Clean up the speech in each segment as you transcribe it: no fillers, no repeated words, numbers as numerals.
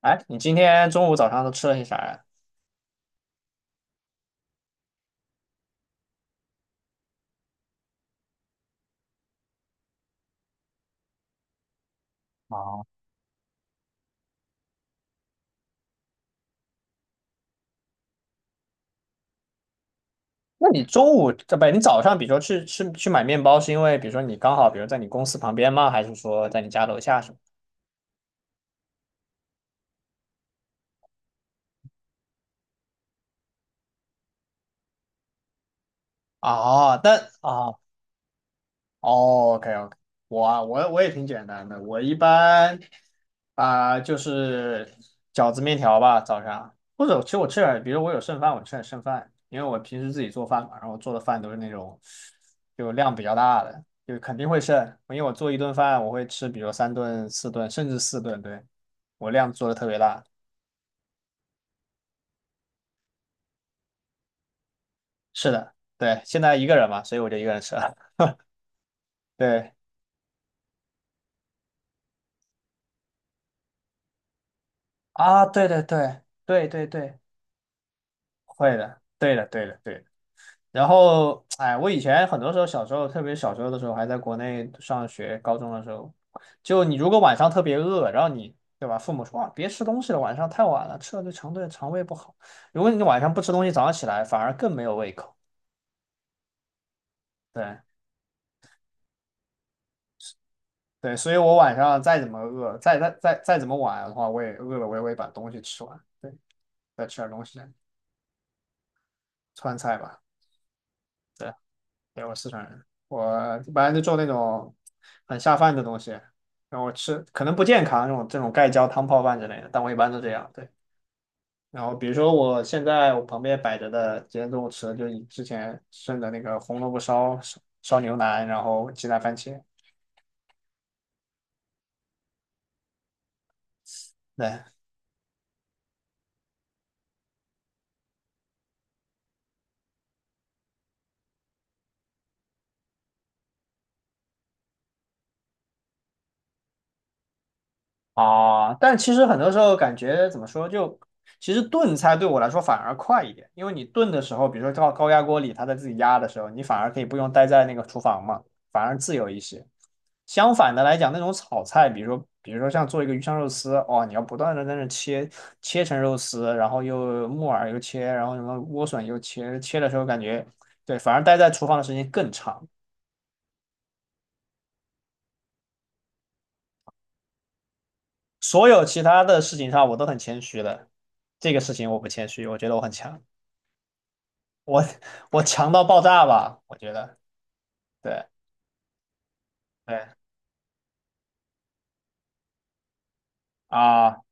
哎，你今天中午、早上都吃了些啥呀？啊，那你中午，这不，你早上，比如说去买面包，是因为比如说你刚好，比如在你公司旁边吗？还是说在你家楼下什么？哦，哦，OK OK，我啊，我我也挺简单的，我一般就是饺子面条吧，早上，或者其实我吃点，比如我有剩饭，我吃点剩饭，因为我平时自己做饭嘛，然后我做的饭都是那种就量比较大的，就肯定会剩，因为我做一顿饭我会吃，比如三顿、四顿，甚至四顿，对，我量做的特别大。是的，对，现在一个人嘛，所以我就一个人吃了。对啊，对对对对对对，会的，对的对的对的。然后，哎，我以前很多时候小时候，特别小时候的时候，还在国内上学，高中的时候，就你如果晚上特别饿，然后你对吧，父母说啊，别吃东西了，晚上太晚了，吃了对肠胃不好。如果你晚上不吃东西，早上起来反而更没有胃口。对对，所以我晚上再怎么饿，再怎么晚的话，我也饿了，我也会把东西吃完。对，再吃点东西，川菜吧。对。对，我四川人，我一般就做那种很下饭的东西，然后吃可能不健康这种盖浇汤泡饭之类的，但我一般都这样。对，然后比如说我现在我旁边摆着的今天中午吃的就是之前剩的那个红萝卜烧烧烧牛腩，然后鸡蛋番茄。对，啊，但其实很多时候感觉怎么说，就其实炖菜对我来说反而快一点，因为你炖的时候，比如说到高压锅里，它在自己压的时候，你反而可以不用待在那个厨房嘛，反而自由一些。相反的来讲，那种炒菜，比如说像做一个鱼香肉丝，哦，你要不断的在那切成肉丝，然后又木耳又切，然后什么莴笋又切，切的时候感觉对，反而待在厨房的时间更长。所有其他的事情上，我都很谦虚的，这个事情我不谦虚，我觉得我很强。我我强到爆炸吧，我觉得，对对啊，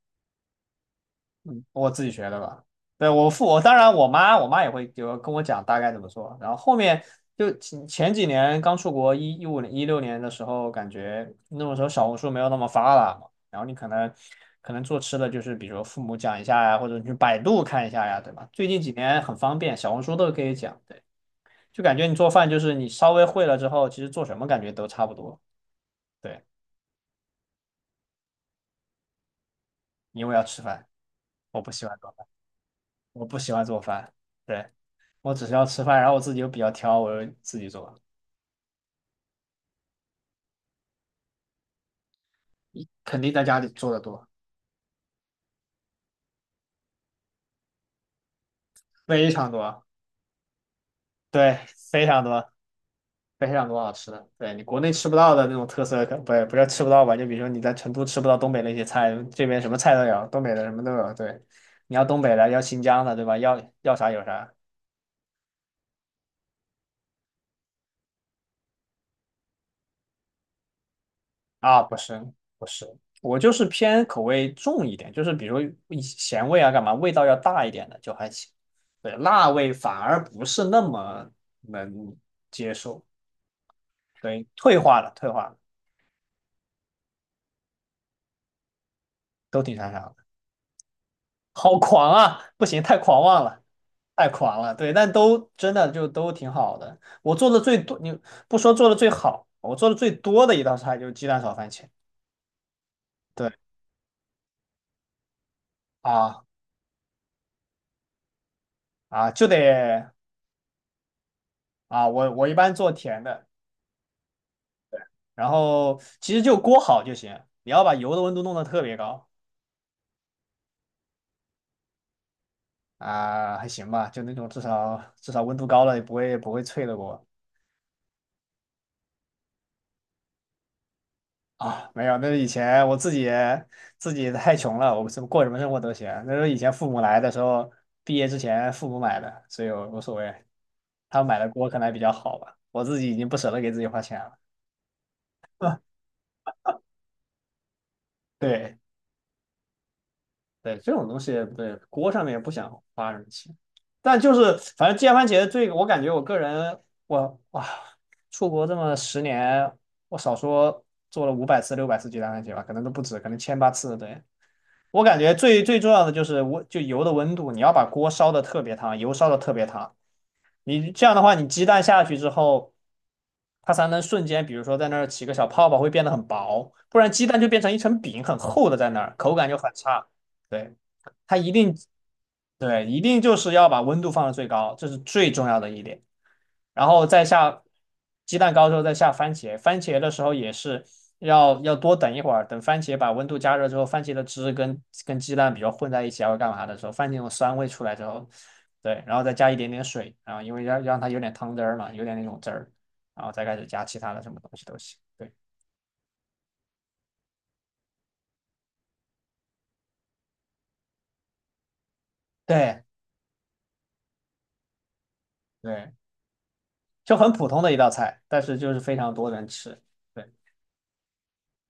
嗯我自己学的吧。对，我当然我妈也会就跟我讲大概怎么做，然后后面就前几年刚出国2015年2016年的时候，感觉那个时候小红书没有那么发达嘛，然后你可能做吃的就是比如父母讲一下呀，或者你去百度看一下呀，对吧？最近几年很方便，小红书都可以讲，对，就感觉你做饭就是你稍微会了之后，其实做什么感觉都差不多，对，因为要吃饭。我不喜欢做饭，我不喜欢做饭。对，我只是要吃饭，然后我自己又比较挑，我就自己做，肯定在家里做的多，非常多，对，非常多，非常多好吃的。对你国内吃不到的那种特色，可不是吃不到吧？就比如说你在成都吃不到东北那些菜，这边什么菜都有，东北的什么都有。对，你要东北的，要新疆的，对吧？要啥有啥。啊，不是不是，我就是偏口味重一点，就是比如一咸味啊，干嘛味道要大一点的就还行。对，辣味反而不是那么能接受，对，退化了，退化了，都挺擅长的。好狂啊！不行，太狂妄了，太狂了。对，但都真的就都挺好的。我做的最多，你不说做的最好，我做的最多的一道菜就是鸡蛋炒番茄。对啊啊，就得啊，我一般做甜的。然后其实就锅好就行，你要把油的温度弄得特别高啊，还行吧，就那种至少温度高了也不会脆的锅啊。没有，那是以前我自己太穷了，我们什么过什么生活都行。那时候以前父母来的时候，毕业之前父母买的，所以我无所谓。他们买的锅可能还比较好吧，我自己已经不舍得给自己花钱了。对。对，这种东西对锅上面也不想花什么钱，但就是反正煎番茄这个，我感觉我个人哇，出国这么10年，我少说做了500次、600次鸡蛋番茄吧，可能都不止，可能千八次。对，我感觉最最重要的就是温，就油的温度，你要把锅烧的特别烫，油烧的特别烫。你这样的话，你鸡蛋下去之后，它才能瞬间，比如说在那儿起个小泡泡，会变得很薄，不然鸡蛋就变成一层饼，很厚的在那儿，口感就很差。对，它一定，对，一定就是要把温度放到最高，这是最重要的一点。然后再下鸡蛋糕之后再下番茄，番茄的时候也是要多等一会儿，等番茄把温度加热之后，番茄的汁跟鸡蛋比较混在一起，还会干嘛的时候，番茄那种酸味出来之后，对，然后再加一点点水，然后因为要让它有点汤汁儿嘛，有点那种汁儿，然后再开始加其他的什么东西都行。对对对，就很普通的一道菜，但是就是非常多人吃。对。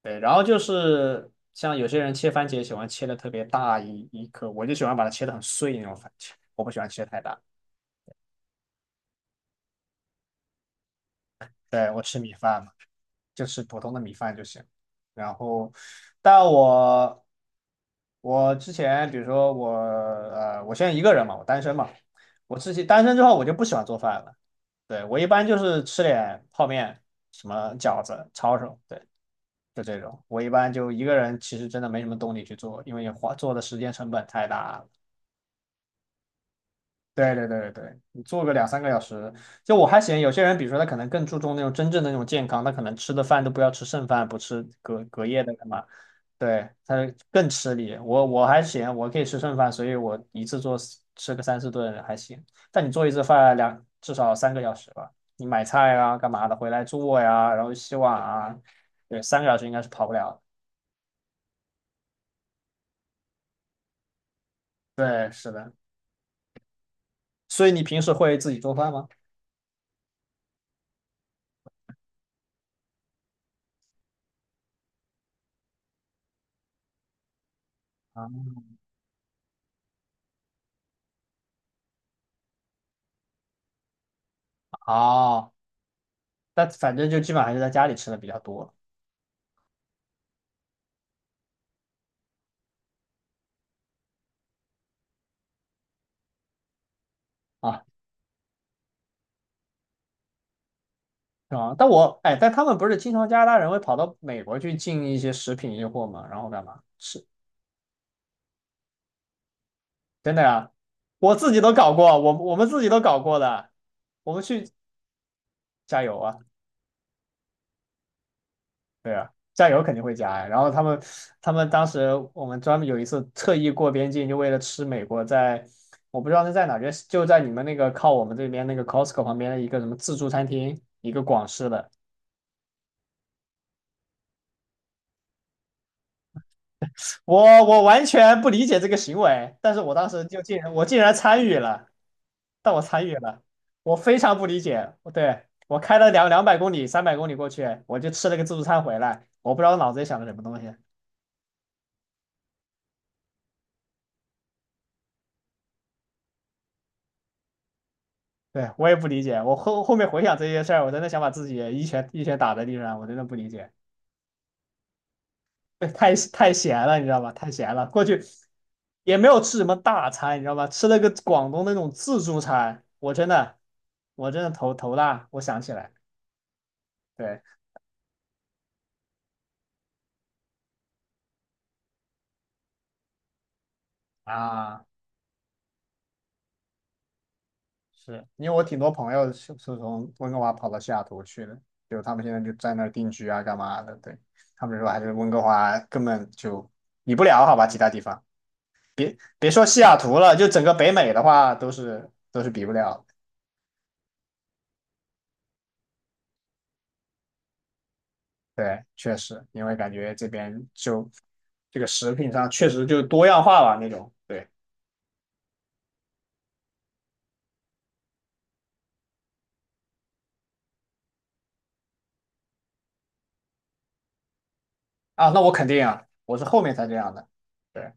对，然后就是像有些人切番茄喜欢切的特别大一颗，我就喜欢把它切的很碎那种番茄，我不喜欢切太大。对，我吃米饭嘛，就吃普通的米饭就行。然后，但我之前比如说我现在一个人嘛，我单身嘛，我自己单身之后我就不喜欢做饭了。对，我一般就是吃点泡面、什么饺子、抄手，对，就这种，我一般就一个人，其实真的没什么动力去做，因为花做的时间成本太大了。对对对对对，你做个两三个小时，就我还嫌有些人，比如说他可能更注重那种真正的那种健康，他可能吃的饭都不要吃剩饭，不吃隔夜的干嘛，对，他更吃力。我还嫌我可以吃剩饭，所以我一次吃个三四顿还行。但你做一次饭至少三个小时吧，你买菜啊干嘛的，回来做呀，然后洗碗啊，对，三个小时应该是跑不了的。对，是的。所以你平时会自己做饭吗？啊，哦，但反正就基本上还是在家里吃的比较多啊，是吧？但我哎，但他们不是经常加拿大人会跑到美国去进一些食品运货嘛，然后干嘛？是真的呀，我自己都搞过，我们自己都搞过的，我们去加油啊！对啊，酱油肯定会加呀。然后他们当时我们专门有一次特意过边境，就为了吃美国在我不知道是在哪，就在你们那个靠我们这边那个 Costco 旁边的一个什么自助餐厅，一个广式的。我完全不理解这个行为，但是我当时就我竟然参与了，但我参与了，我非常不理解。对，我开了200公里、300公里过去，我就吃了个自助餐回来，我不知道脑子里想的什么东西。对，我也不理解。我后面回想这些事儿，我真的想把自己一拳一拳打在地上。我真的不理解，对，太闲了，你知道吧？太闲了，过去也没有吃什么大餐，你知道吧？吃了个广东那种自助餐，我真的，我真的头大。我想起来，对啊，是因为我挺多朋友是从温哥华跑到西雅图去的，就他们现在就在那儿定居啊，干嘛的？对，他们说还是温哥华根本就比不了，好吧，其他地方。别说西雅图了，就整个北美的话，都是比不了。对，确实，因为感觉这边就这个食品上确实就多样化吧那种。对啊，那我肯定啊，我是后面才这样的。对，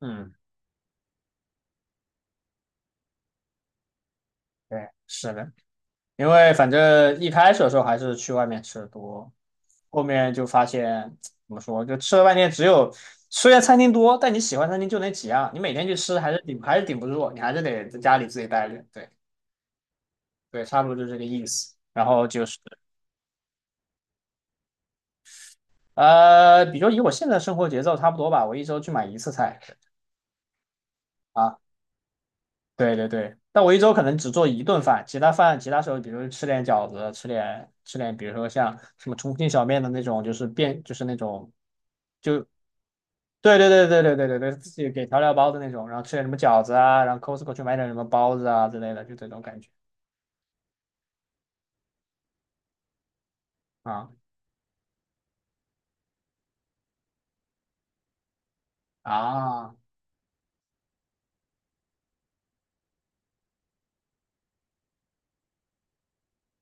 嗯，对，是的，因为反正一开始的时候还是去外面吃的多，后面就发现怎么说，就吃了半天，虽然餐厅多，但你喜欢餐厅就那几样，你每天去吃还是顶不住，你还是得在家里自己待着。对对，差不多就这个意思。然后就是比如以我现在生活节奏差不多吧，我一周去买一次菜啊，对对对，但我一周可能只做一顿饭，其他饭其他时候，比如吃点饺子，吃点吃点，比如说像什么重庆小面的那种，就是就是那种就对对对对对对对对，自己给调料包的那种，然后吃点什么饺子啊，然后 Costco 去买点什么包子啊之类的，就这种感觉啊啊，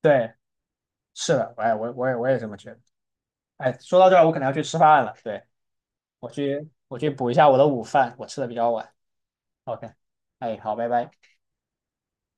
对，是的，哎，我也这么觉得。哎，说到这儿，我可能要去吃饭了，对，我去补一下我的午饭，我吃的比较晚。OK，哎，好，拜拜。